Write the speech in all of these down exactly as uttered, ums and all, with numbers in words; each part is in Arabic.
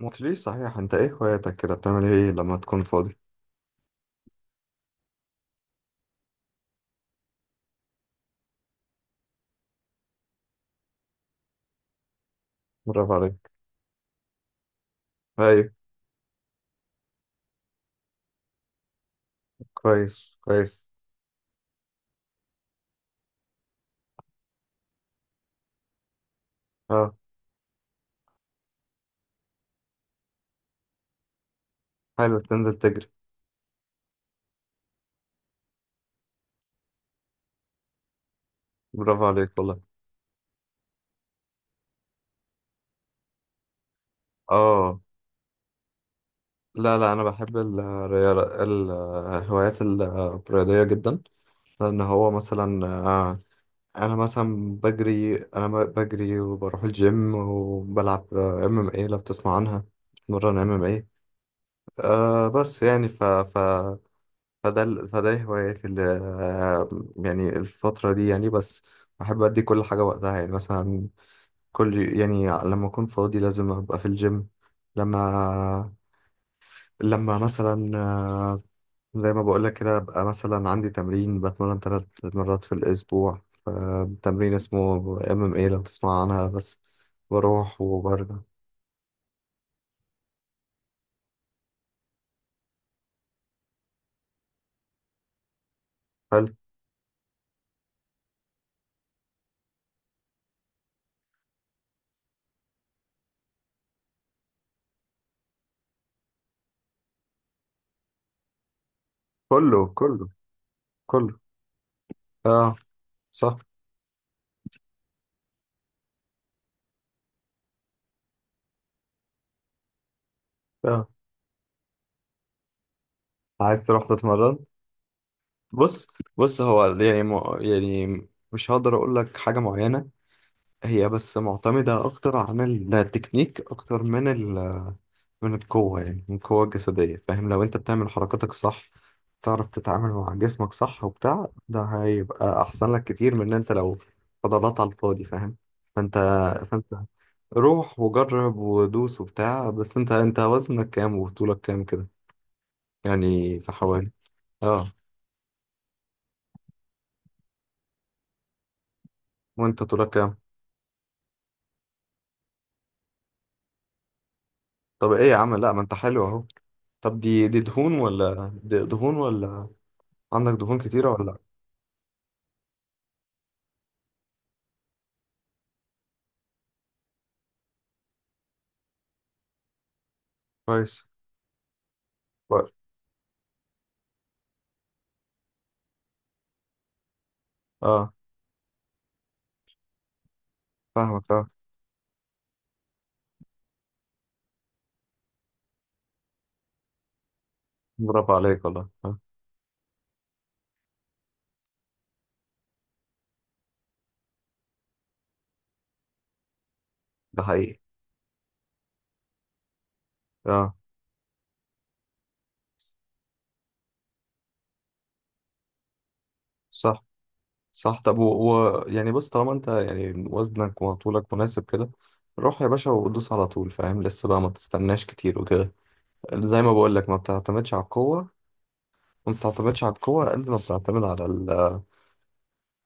ما قلتليش صحيح، انت ايه هواياتك كده، بتعمل ايه لما تكون فاضي؟ برافو عليك. ايوه. كويس، كويس. اه. حلو، تنزل تجري. برافو عليك والله. اه. لا، لا، انا بحب الرياضة، الهوايات الرياضية جدا. لان هو مثلا آه انا مثلا بجري، انا ب- بجري وبروح الجيم وبلعب آه، ام ام اي لو بتسمع عنها. بتمرن ام ام اي. آه بس يعني ف ف فده ال- فده هواياتي اللي يعني الفترة دي يعني. بس بحب أدي كل حاجة وقتها يعني، مثلا كل، يعني لما أكون فاضي لازم أبقى في الجيم. لما لما مثلا آه، زي ما بقولك كده أبقى مثلا عندي تمرين، بتمرن ثلاث مرات في الأسبوع. آه، تمرين اسمه ام ام اي لو تسمع عنها، بس بروح وبرجع. حلو. كله، كله. كله. اه. صح. اه. عايز تروح تتمرن؟ بص بص هو يعني م- يعني مش هقدر اقول لك حاجه معينه. هي بس معتمده اكتر عن التكنيك اكتر من ال... من القوه، يعني من القوه الجسديه. فاهم، لو انت بتعمل حركاتك صح، تعرف تتعامل مع جسمك صح وبتاع، ده هيبقى احسن لك كتير من ان انت لو فضلات على الفاضي، فاهم. فانت. فانت روح وجرب ودوس وبتاع، بس انت انت وزنك كام وطولك كام كده؟ يعني في حوالي. اه. وانت طولك كام؟ طب ايه يا عم، لا ما انت حلو اهو. طب دي دي دهون ولا دي دهون ولا؟ عندك دهون كتيرة ولا؟ كويس. كويس. اه. فاهمك، اه. برافو عليك والله. آه. ده حقيقي. اه. صح. صح، طب و... و... يعني بص، طالما انت يعني وزنك وطولك مناسب كده، روح يا باشا ودوس على طول، فاهم، لسه بقى ما تستناش كتير وكده. زي ما بقول لك، ما بتعتمدش على القوة. وما بتعتمدش على القوة قد ما بتعتمد على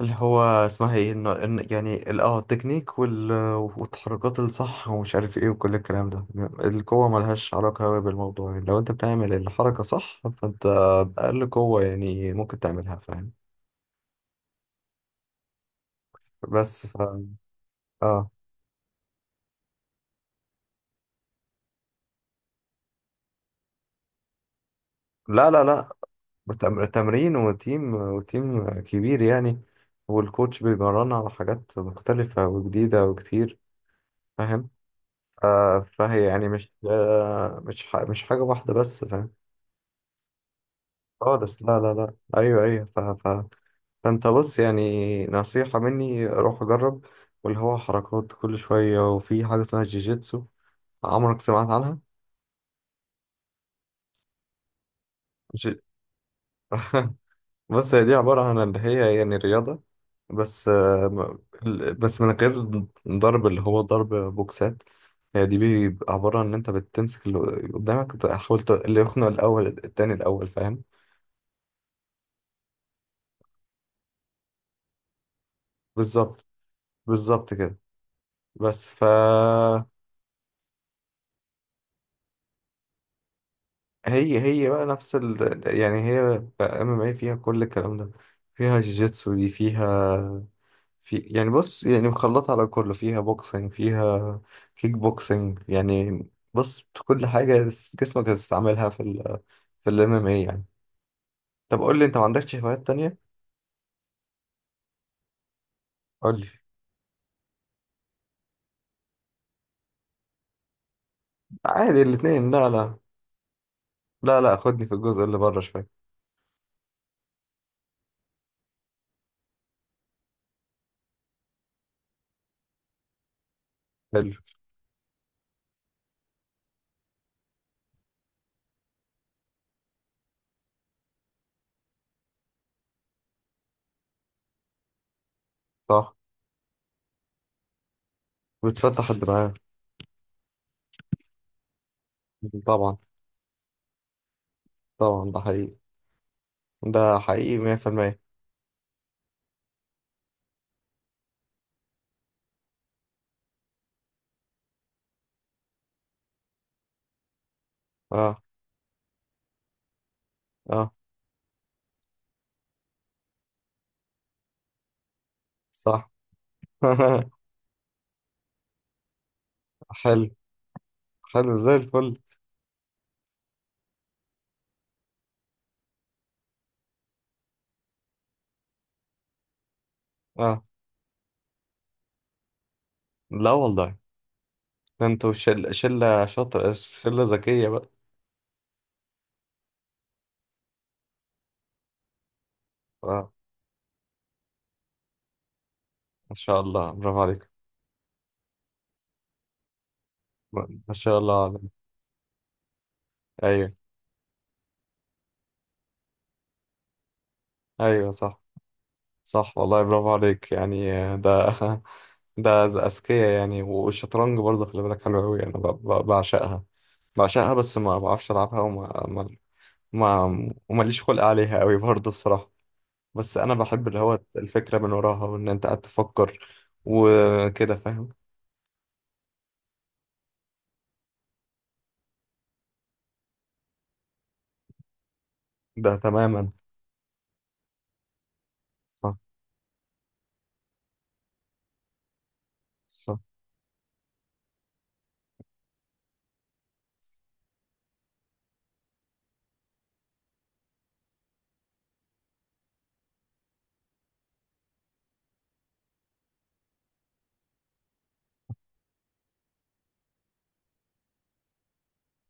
اللي هو اسمها ايه، إن إن يعني ال- اه التكنيك وال... والتحركات الصح ومش عارف ايه وكل الكلام ده. القوة ملهاش علاقة أوي بالموضوع، يعني لو انت بتعمل الحركة صح، فانت بأقل قوة يعني ممكن تعملها، فاهم. بس ف اه. لا، لا، لا. بتم- تمرين، وتيم وتيم كبير يعني. والكوتش بيمرنا على حاجات مختلفة وجديدة وكتير. فاهم. آه فهي يعني مش آه مش ح... مش حاجة واحدة بس، فاهم. خالص، لا، لا، لا. ايوه، ايوه، ف... ف... فانت بص، يعني نصيحة مني، روح اجرب واللي هو حركات كل شوية، وفي حاجة اسمها جيجيتسو، عمرك سمعت عنها؟ ج... بص، هي دي عبارة عن اللي هي يعني رياضة، بس آه، م- ال- بس من غير ضرب، اللي هو ضرب بوكسات. هي دي بيبقى عبارة عن إن أنت بتمسك اللي قدامك، تحاول ت- اللي يخنق، الأول التاني الأول، فاهم. بالظبط. بالظبط كده. بس ف هي هي بقى نفس ال، يعني هي ام ام اي فيها كل الكلام ده، فيها جيجيتسو دي، فيها في، يعني بص، يعني مخلطة على كله، فيها بوكسنج، فيها كيك بوكسنج يعني. بص، كل حاجة جسمك هتستعملها في ال في الام ام اي يعني. طب قول لي، انت ما عندكش هوايات تانية؟ قول لي. عادي الاتنين، لا، لا. لا، لا، خدني في الجزء اللي بره شوية. حلو. صح. بتفتح الدماغ. طبعا. طبعا، ده حقيقي. ده حقيقي مية بالمية. اه، اه. صح. حلو. حلو زي الفل. اه. لا والله. ده انتوا شل... شلة شاطر، شلة ذكية بقى. اه. ما شاء الله، برافو عليك. ما شاء الله عليك. ايوه. ايوه. صح. صح والله، برافو عليك يعني، آه، ده ده ز- أذكياء يعني. والشطرنج برضه خلي بالك حلو أوي، أنا ب... ب... بعشقها، بعشقها، بس ما بعرفش ألعبها، وما ما ما ومليش خلق عليها أوي برضه بصراحة. بس أنا بحب اللي هو الفكرة من وراها، وإن أنت قاعد تفكر وكده، فاهم. ده تماما. صح. صح.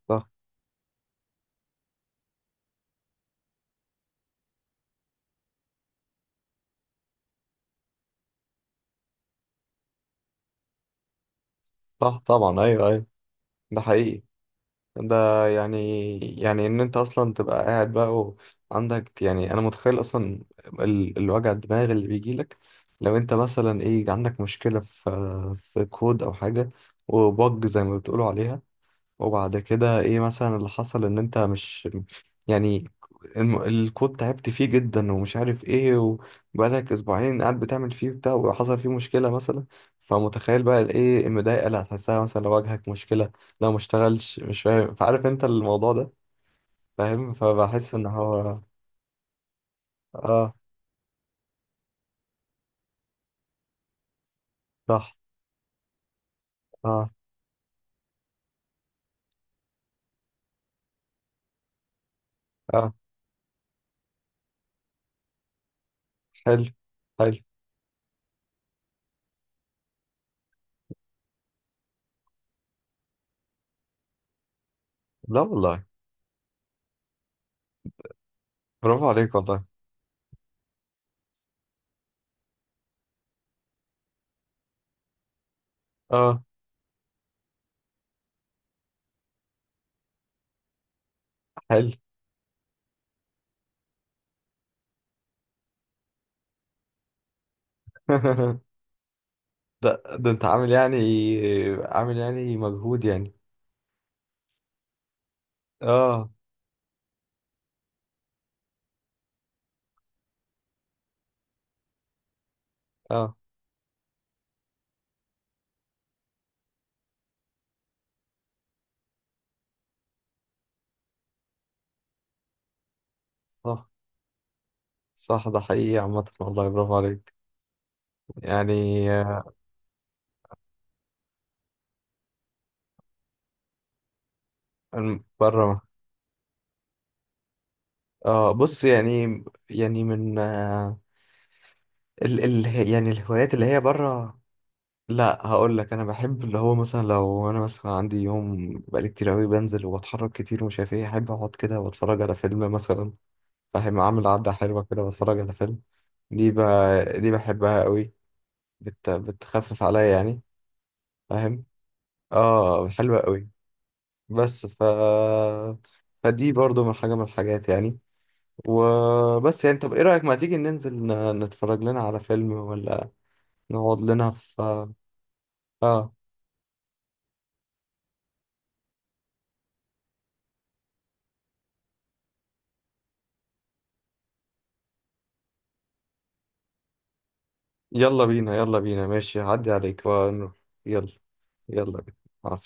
صح. صح. طبعا، ايوه، ايوه. ده حقيقي. ده يعني يعني ان انت اصلا تبقى قاعد بقى، وعندك يعني، انا متخيل اصلا ال- الوجع الدماغ اللي بيجي لك لو انت مثلا ايه عندك مشكله في في كود او حاجه، وبج زي ما بتقولوا عليها، وبعد كده ايه مثلا اللي حصل، ان انت مش يعني الم- الكود تعبت فيه جدا ومش عارف ايه، وبقالك اسبوعين قاعد بتعمل فيه بتاع، وحصل فيه مشكلة مثلا. فمتخيل بقى الايه المضايقة اللي هتحسها، مثلا لو واجهك مشكلة، لو ما اشتغلش، مش فاهم، فعارف انت الموضوع ده، فاهم، فبحس ان هو. اه. صح. اه. اه. حلو. حلو. لا والله. برافو عليك والله. اه. حلو. ده ده انت عامل يعني عامل يعني مجهود يعني. اه، اه. صح، صح. ده حقيقي عامة والله، برافو عليك، يعني. آه، الم- بره. اه، بص يعني، يعني من آه ال ال يعني الهوايات اللي هي بره. لا، هقول لك، انا بحب اللي هو مثلا لو انا مثلا عندي يوم بقالي كتير قوي، بنزل وبتحرك كتير ومش عارف ايه، احب اقعد كده واتفرج على فيلم مثلا. فاهم، اعمل عدة حلوة كده واتفرج على فيلم. دي ب... دي بحبها قوي. بت... بتخفف عليا يعني. فاهم. اه، حلوة قوي. بس ف فدي برضو من حاجة من الحاجات يعني. وبس يعني، طب ايه رأيك، ما تيجي ننزل ن- نتفرج لنا على فيلم، ولا نقعد لنا في؟ اه. يلا بينا، يلا بينا، ماشي، هعدي عليك ونروح. يلا. يلا بينا. مع السلامة.